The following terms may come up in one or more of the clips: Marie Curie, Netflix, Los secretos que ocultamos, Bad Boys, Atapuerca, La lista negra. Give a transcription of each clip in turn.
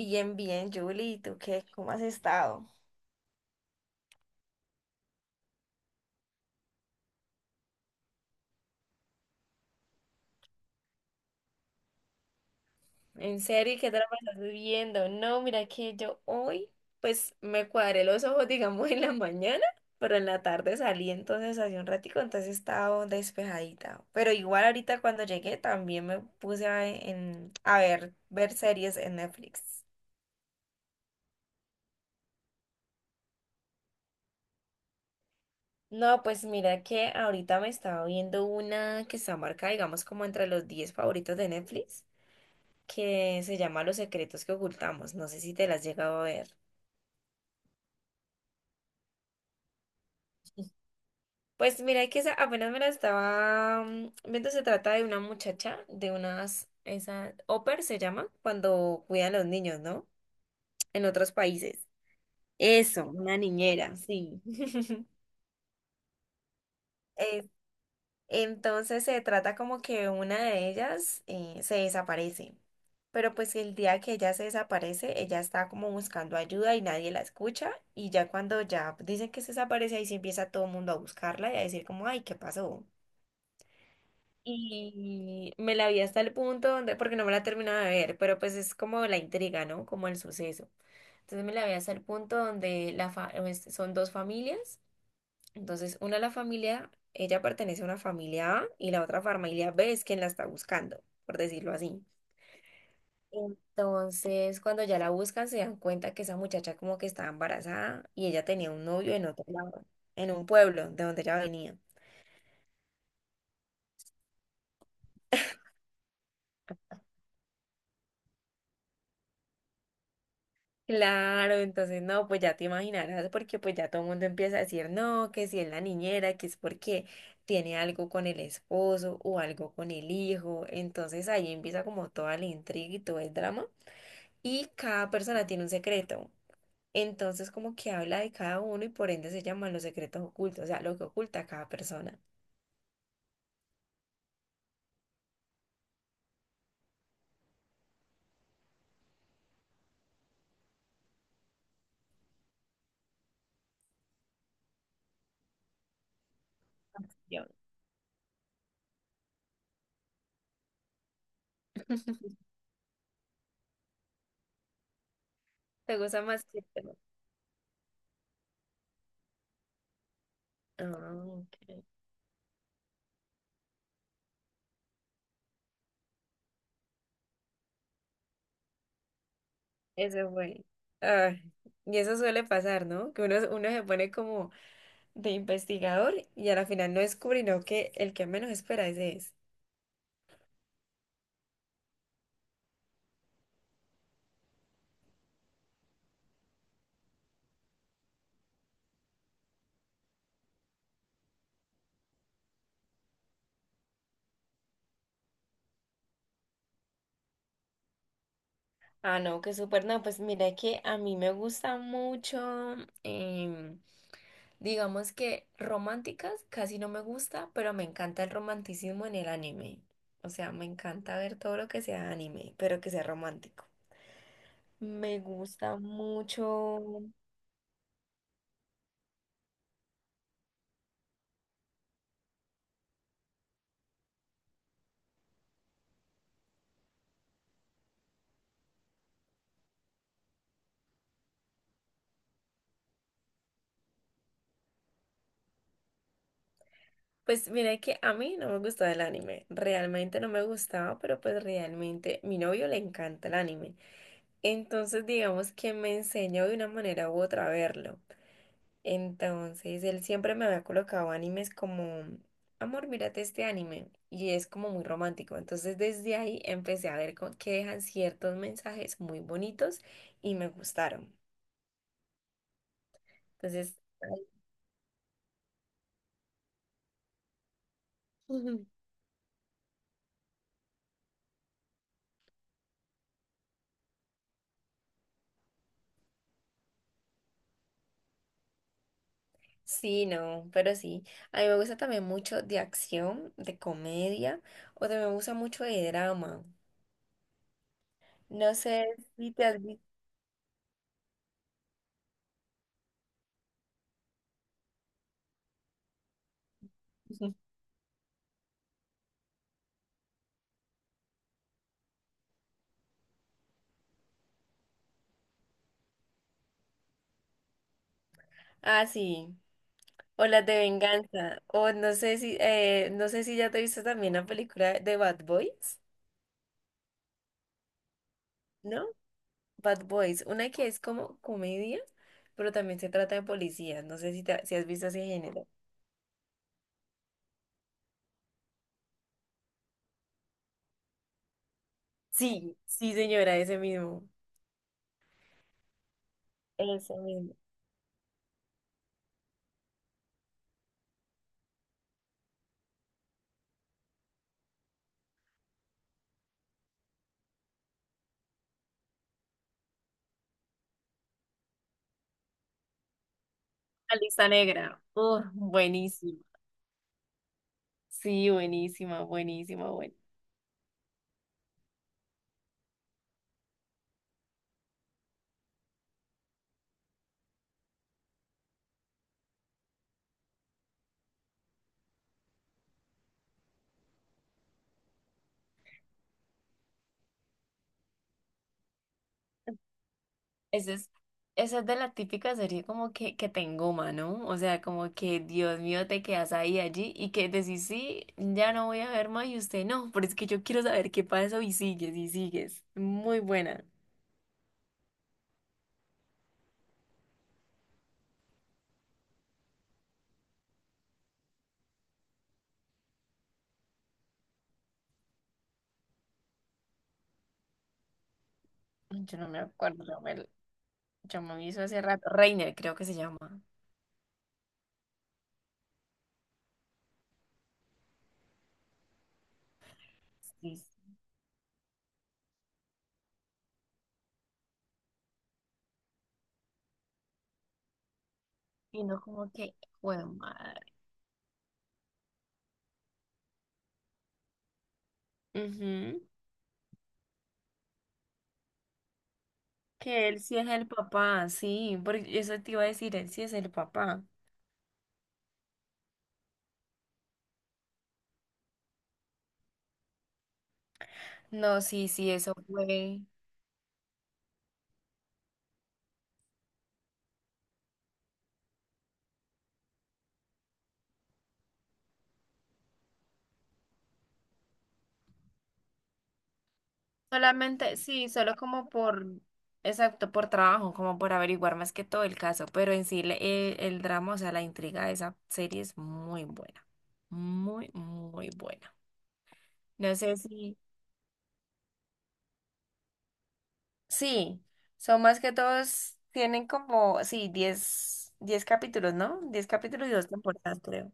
Bien, bien, Julie, ¿y tú qué? ¿Cómo has estado? ¿En serio? ¿Y qué drama estás viendo? No, mira que yo hoy, pues me cuadré los ojos, digamos, en la mañana, pero en la tarde salí entonces hace un ratico, entonces estaba despejadita. Pero igual ahorita cuando llegué también me puse a, en, a ver series en Netflix. No, pues mira que ahorita me estaba viendo una que está marcada, digamos, como entre los 10 favoritos de Netflix, que se llama Los secretos que ocultamos. No sé si te las has llegado a ver. Pues mira, que esa apenas me la estaba viendo. Se trata de una muchacha, de unas, esa, oper se llama, cuando cuidan a los niños, ¿no? En otros países. Eso, una niñera, sí. Eso. Entonces se trata como que una de ellas se desaparece. Pero pues el día que ella se desaparece, ella está como buscando ayuda y nadie la escucha. Y ya cuando ya dicen que se desaparece, ahí sí empieza todo el mundo a buscarla y a decir como, ay, ¿qué pasó? Y me la vi hasta el punto donde, porque no me la terminaba de ver, pero pues es como la intriga, ¿no? Como el suceso. Entonces me la vi hasta el punto donde son dos familias. Entonces, una la familia, ella pertenece a una familia A y la otra familia B es quien la está buscando, por decirlo así. Entonces, cuando ya la buscan, se dan cuenta que esa muchacha como que estaba embarazada y ella tenía un novio en otro lado, en un pueblo de donde ella venía. Claro, entonces no, pues ya te imaginarás, porque pues ya todo el mundo empieza a decir no, que si es la niñera, que es porque tiene algo con el esposo o algo con el hijo. Entonces ahí empieza como toda la intriga y todo el drama, y cada persona tiene un secreto. Entonces, como que habla de cada uno y por ende se llaman los secretos ocultos, o sea, lo que oculta cada persona. Yo. ¿Te gusta más que yo? Ah, ok. Eso fue. Ay, y eso suele pasar, ¿no? Que uno se pone como de investigador y a la final no descubre, no, que el que menos espera ese es. Ah, no, que súper, no, pues mira que a mí me gusta mucho. Digamos que románticas casi no me gusta, pero me encanta el romanticismo en el anime. O sea, me encanta ver todo lo que sea anime, pero que sea romántico. Me gusta mucho. Pues mira que a mí no me gustaba el anime. Realmente no me gustaba, pero pues realmente mi novio le encanta el anime. Entonces digamos que me enseñó de una manera u otra a verlo. Entonces, él siempre me había colocado animes como, amor, mírate este anime. Y es como muy romántico. Entonces, desde ahí empecé a que dejan ciertos mensajes muy bonitos y me gustaron. Entonces, ujú. Sí, no, pero sí. A mí me gusta también mucho de acción, de comedia, o también me gusta mucho de drama. No sé si te has visto. Ah, sí. O las de venganza. O no sé si, no sé si ya te viste también la película de Bad Boys, ¿no? Bad Boys, una que es como comedia, pero también se trata de policías. No sé si, si has visto ese género. Sí, sí, señora, ese mismo. Ese mismo. La lista negra. Buenísima. Sí, buenísima, buenísima, buenísima. Esa es, esa es de la típica serie como que te engoma, ¿no? O sea, como que Dios mío, te quedas ahí allí y que decís, sí, ya no voy a ver más y usted no, pero es que yo quiero saber qué pasó y sigues y sigues. Muy buena. Yo no me acuerdo, yo me hizo hace rato. Reiner, creo que se llama. Sí, sí. Y no como que, bueno, madre. Ujú. Que él sí es el papá, sí, porque eso te iba a decir, él sí es el papá. No, sí, sí, eso fue. Solamente, sí, solo como por, exacto, por trabajo, como por averiguar más que todo el caso, pero en sí el drama, o sea, la intriga de esa serie es muy buena, muy, muy buena. No sé si, sí, son más que todos, tienen como, sí, diez capítulos, ¿no? 10 capítulos y dos temporadas, creo.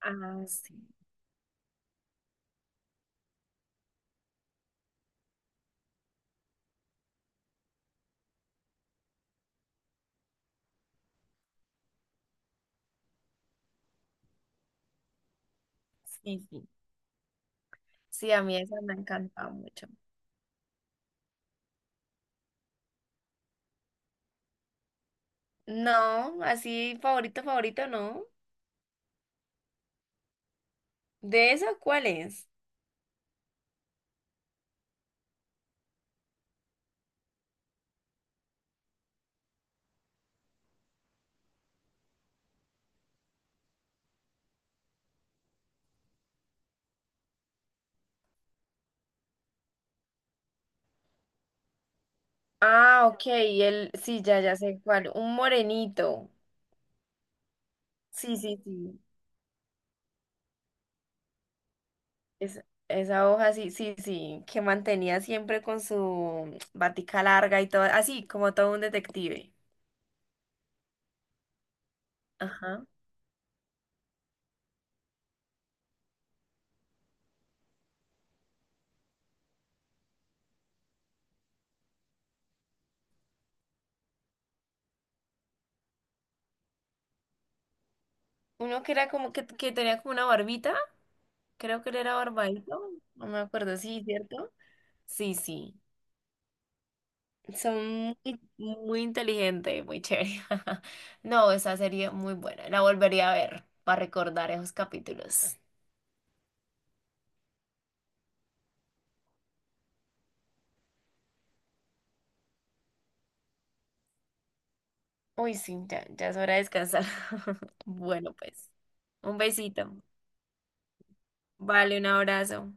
Ah, sí, sí, sí. Sí, a mí esa me ha encantado mucho. No, así favorito, favorito, no. ¿De esa cuál es? Ah, ok, y él, sí, ya, ya sé cuál, un morenito. Sí, sí, sí. Esa hoja, sí, sí, sí, que mantenía siempre con su batica larga y todo, así como todo un detective. Ajá. Uno que era como que tenía como una barbita, creo que él era barbadito, no me acuerdo, sí, ¿cierto? Sí, sí. Son muy, muy inteligentes, muy chévere. No, esa serie muy buena, la volvería a ver para recordar esos capítulos. Uy, sí, ya, ya es hora de descansar. Bueno, pues, un besito. Vale, un abrazo.